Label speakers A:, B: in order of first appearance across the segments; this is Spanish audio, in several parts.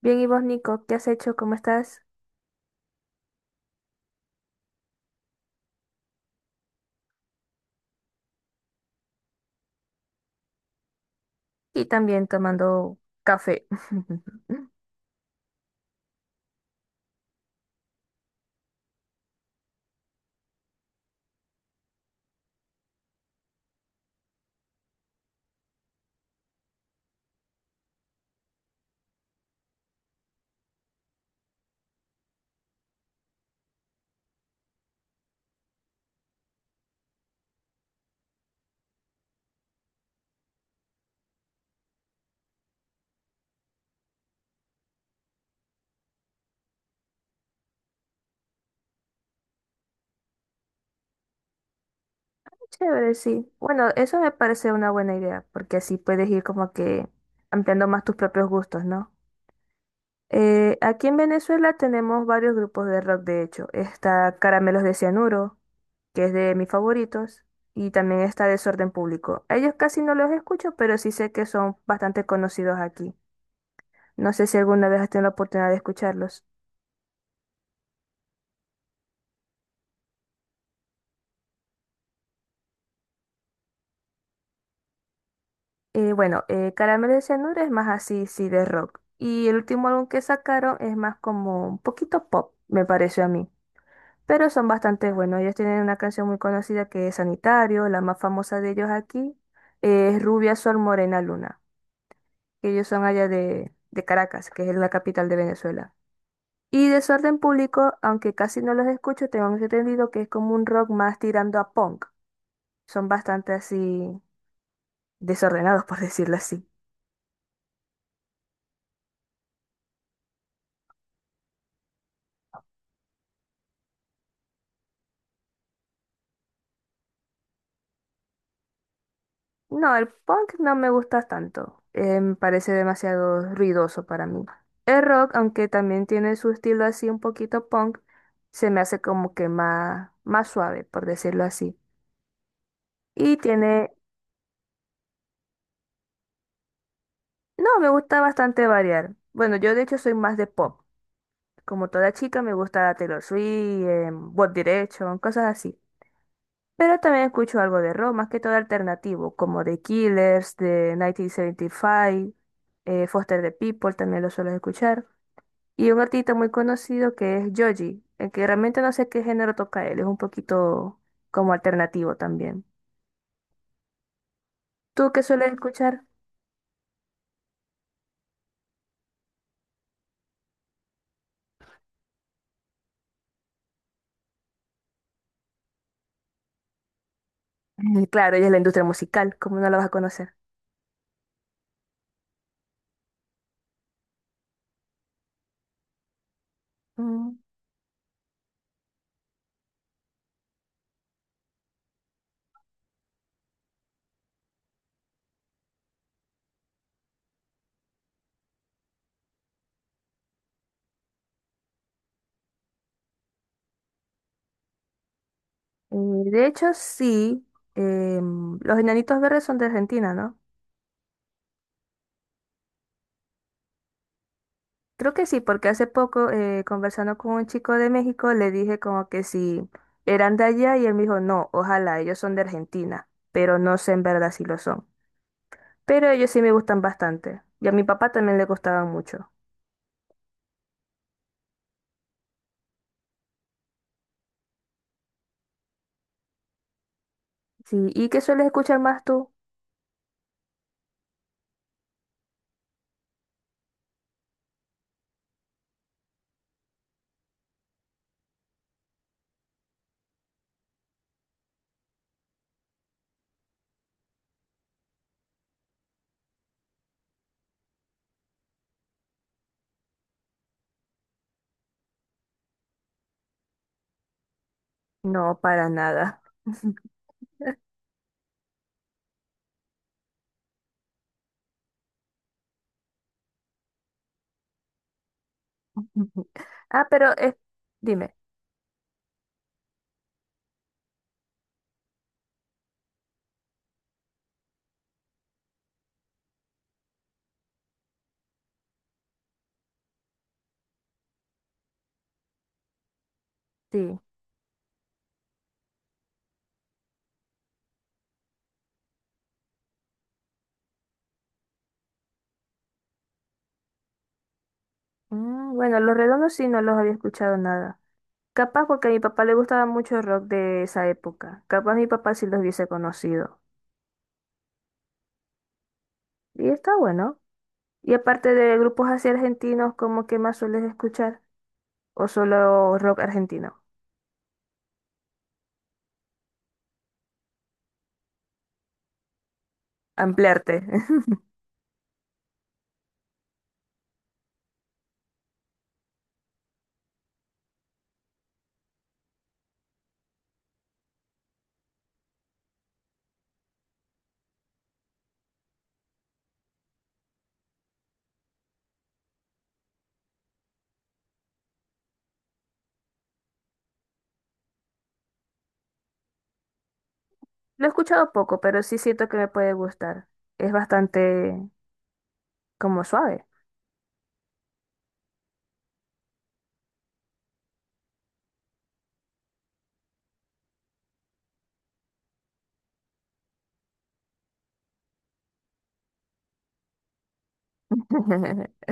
A: Bien, y vos, Nico, ¿qué has hecho? ¿Cómo estás? Y también tomando café. Chévere, sí. Bueno, eso me parece una buena idea, porque así puedes ir como que ampliando más tus propios gustos, ¿no? Aquí en Venezuela tenemos varios grupos de rock, de hecho. Está Caramelos de Cianuro, que es de mis favoritos, y también está Desorden Público. A ellos casi no los escucho, pero sí sé que son bastante conocidos aquí. No sé si alguna vez has tenido la oportunidad de escucharlos. Bueno, Caramelo de Cianuro es más así, sí, de rock. Y el último álbum que sacaron es más como un poquito pop, me pareció a mí. Pero son bastante buenos. Ellos tienen una canción muy conocida que es Sanitario, la más famosa de ellos aquí, es Rubia Sol Morena Luna, que ellos son allá de Caracas, que es la capital de Venezuela. Y Desorden Público, aunque casi no los escucho, tengo entendido que es como un rock más tirando a punk. Son bastante así desordenados, por decirlo así. No, el punk no me gusta tanto. Me parece demasiado ruidoso para mí. El rock, aunque también tiene su estilo así un poquito punk, se me hace como que más, más suave, por decirlo así. Y tiene... No, me gusta bastante variar. Bueno, yo de hecho soy más de pop. Como toda chica me gusta Taylor Swift, One Direction, cosas así. Pero también escucho algo de rock, más que todo alternativo, como The Killers, de 1975, Foster the People, también lo suelo escuchar. Y un artista muy conocido que es Joji, el que realmente no sé qué género toca él, es un poquito como alternativo también. ¿Tú qué sueles escuchar? Mm, claro, ella es la industria musical, ¿cómo no la vas a conocer? Mm, de hecho, sí, los Enanitos Verdes son de Argentina, ¿no? Creo que sí, porque hace poco conversando con un chico de México le dije como que si eran de allá y él me dijo, no, ojalá, ellos son de Argentina, pero no sé en verdad si lo son. Pero ellos sí me gustan bastante y a mi papá también le gustaban mucho. Sí, ¿y qué sueles escuchar más tú? No, para nada. Ah, pero es, dime, sí. Mm, bueno, Los Redondos sí no los había escuchado nada. Capaz porque a mi papá le gustaba mucho el rock de esa época. Capaz mi papá sí los hubiese conocido. Y está bueno. Y aparte de grupos así argentinos, ¿cómo que más sueles escuchar? ¿O solo rock argentino? Ampliarte. Lo he escuchado poco, pero sí siento que me puede gustar. Es bastante como suave.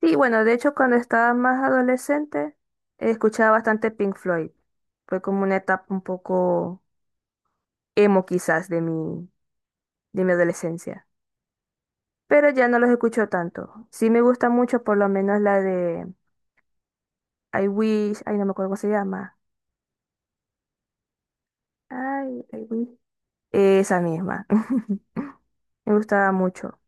A: Sí, bueno, de hecho cuando estaba más adolescente, escuchaba bastante Pink Floyd. Fue como una etapa un poco emo quizás de mi, de, mi adolescencia. Pero ya no los escucho tanto. Sí me gusta mucho por lo menos la de I Wish, ay no me acuerdo cómo se llama. Ay, ay, uy. Esa misma. Me gustaba mucho.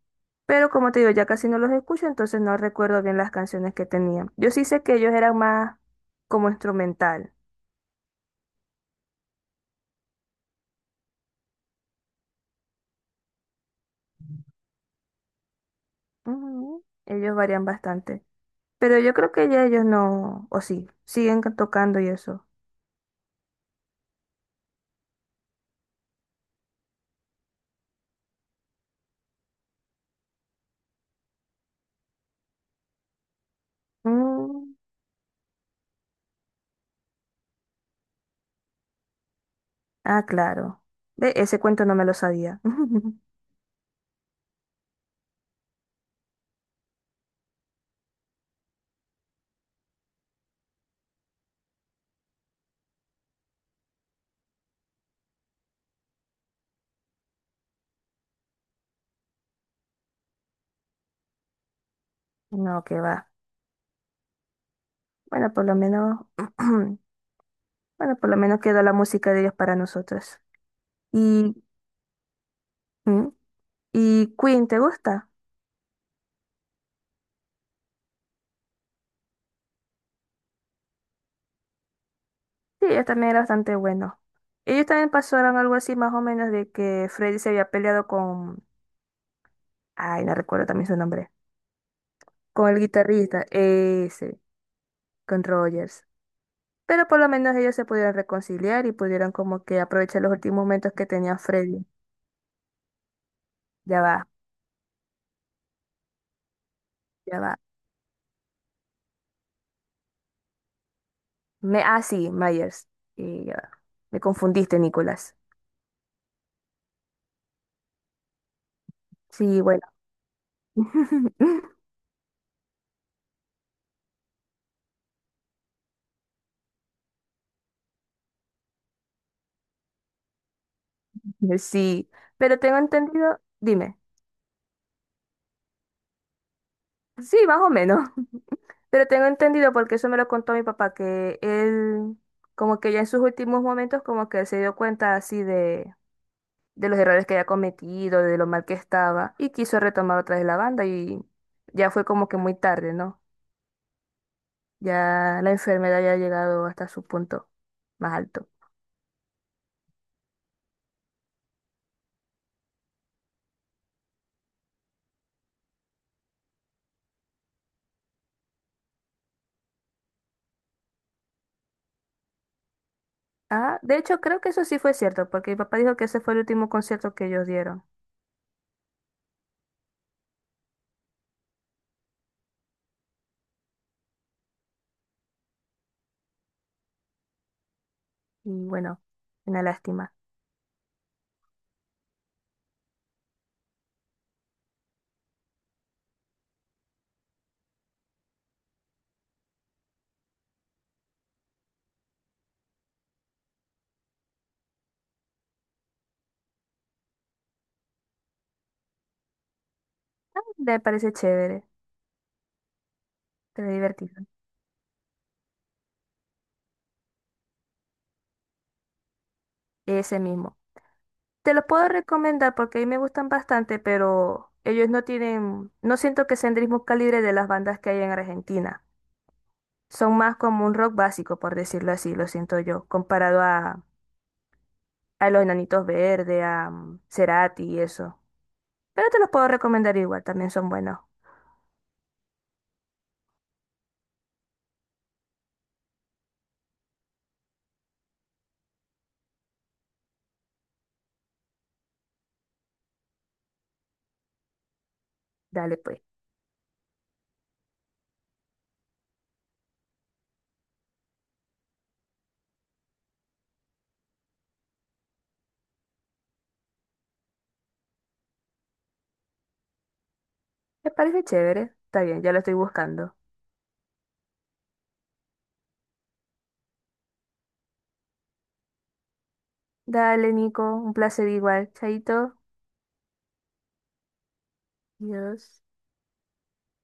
A: Pero como te digo, ya casi no los escucho, entonces no recuerdo bien las canciones que tenían. Yo sí sé que ellos eran más como instrumental. Ujú. Ellos varían bastante. Pero yo creo que ya ellos no, o sí, siguen tocando y eso. Mm. Ah, claro. Ve, ese cuento no me lo sabía. No, que va. Bueno, por lo menos, bueno, por lo menos quedó la música de ellos para nosotros. Y ¿mm? ¿Y Queen, te gusta? Sí, ellos también era bastante bueno. Ellos también pasaron algo así más o menos de que Freddy se había peleado con... Ay, no recuerdo también su nombre. Con el guitarrista, ese, con Rogers. Pero por lo menos ellos se pudieron reconciliar y pudieron como que aprovechar los últimos momentos que tenía Freddy. Ya va, ya va. Me... Ah, sí, Myers. Y ya va. Me confundiste, Nicolás. Sí, bueno. Sí, pero tengo entendido... Dime. Sí, más o menos. Pero tengo entendido, porque eso me lo contó mi papá, que él, como que ya en sus últimos momentos, como que se dio cuenta así de los errores que había cometido, de lo mal que estaba, y quiso retomar otra vez la banda, y ya fue como que muy tarde, ¿no? Ya la enfermedad ya ha llegado hasta su punto más alto. Ah, de hecho, creo que eso sí fue cierto, porque mi papá dijo que ese fue el último concierto que ellos dieron. Y bueno, una lástima. Me parece chévere, pero divertido. Ese mismo. Te los puedo recomendar porque a mí me gustan bastante, pero ellos no tienen, no siento que sean del mismo calibre de las bandas que hay en Argentina. Son más como un rock básico, por decirlo así, lo siento yo, comparado a los Enanitos Verdes, a Cerati y eso. Pero te los puedo recomendar igual, también son buenos. Dale pues. Me parece chévere. Está bien, ya lo estoy buscando. Dale, Nico, un placer igual. Chaito. Dios.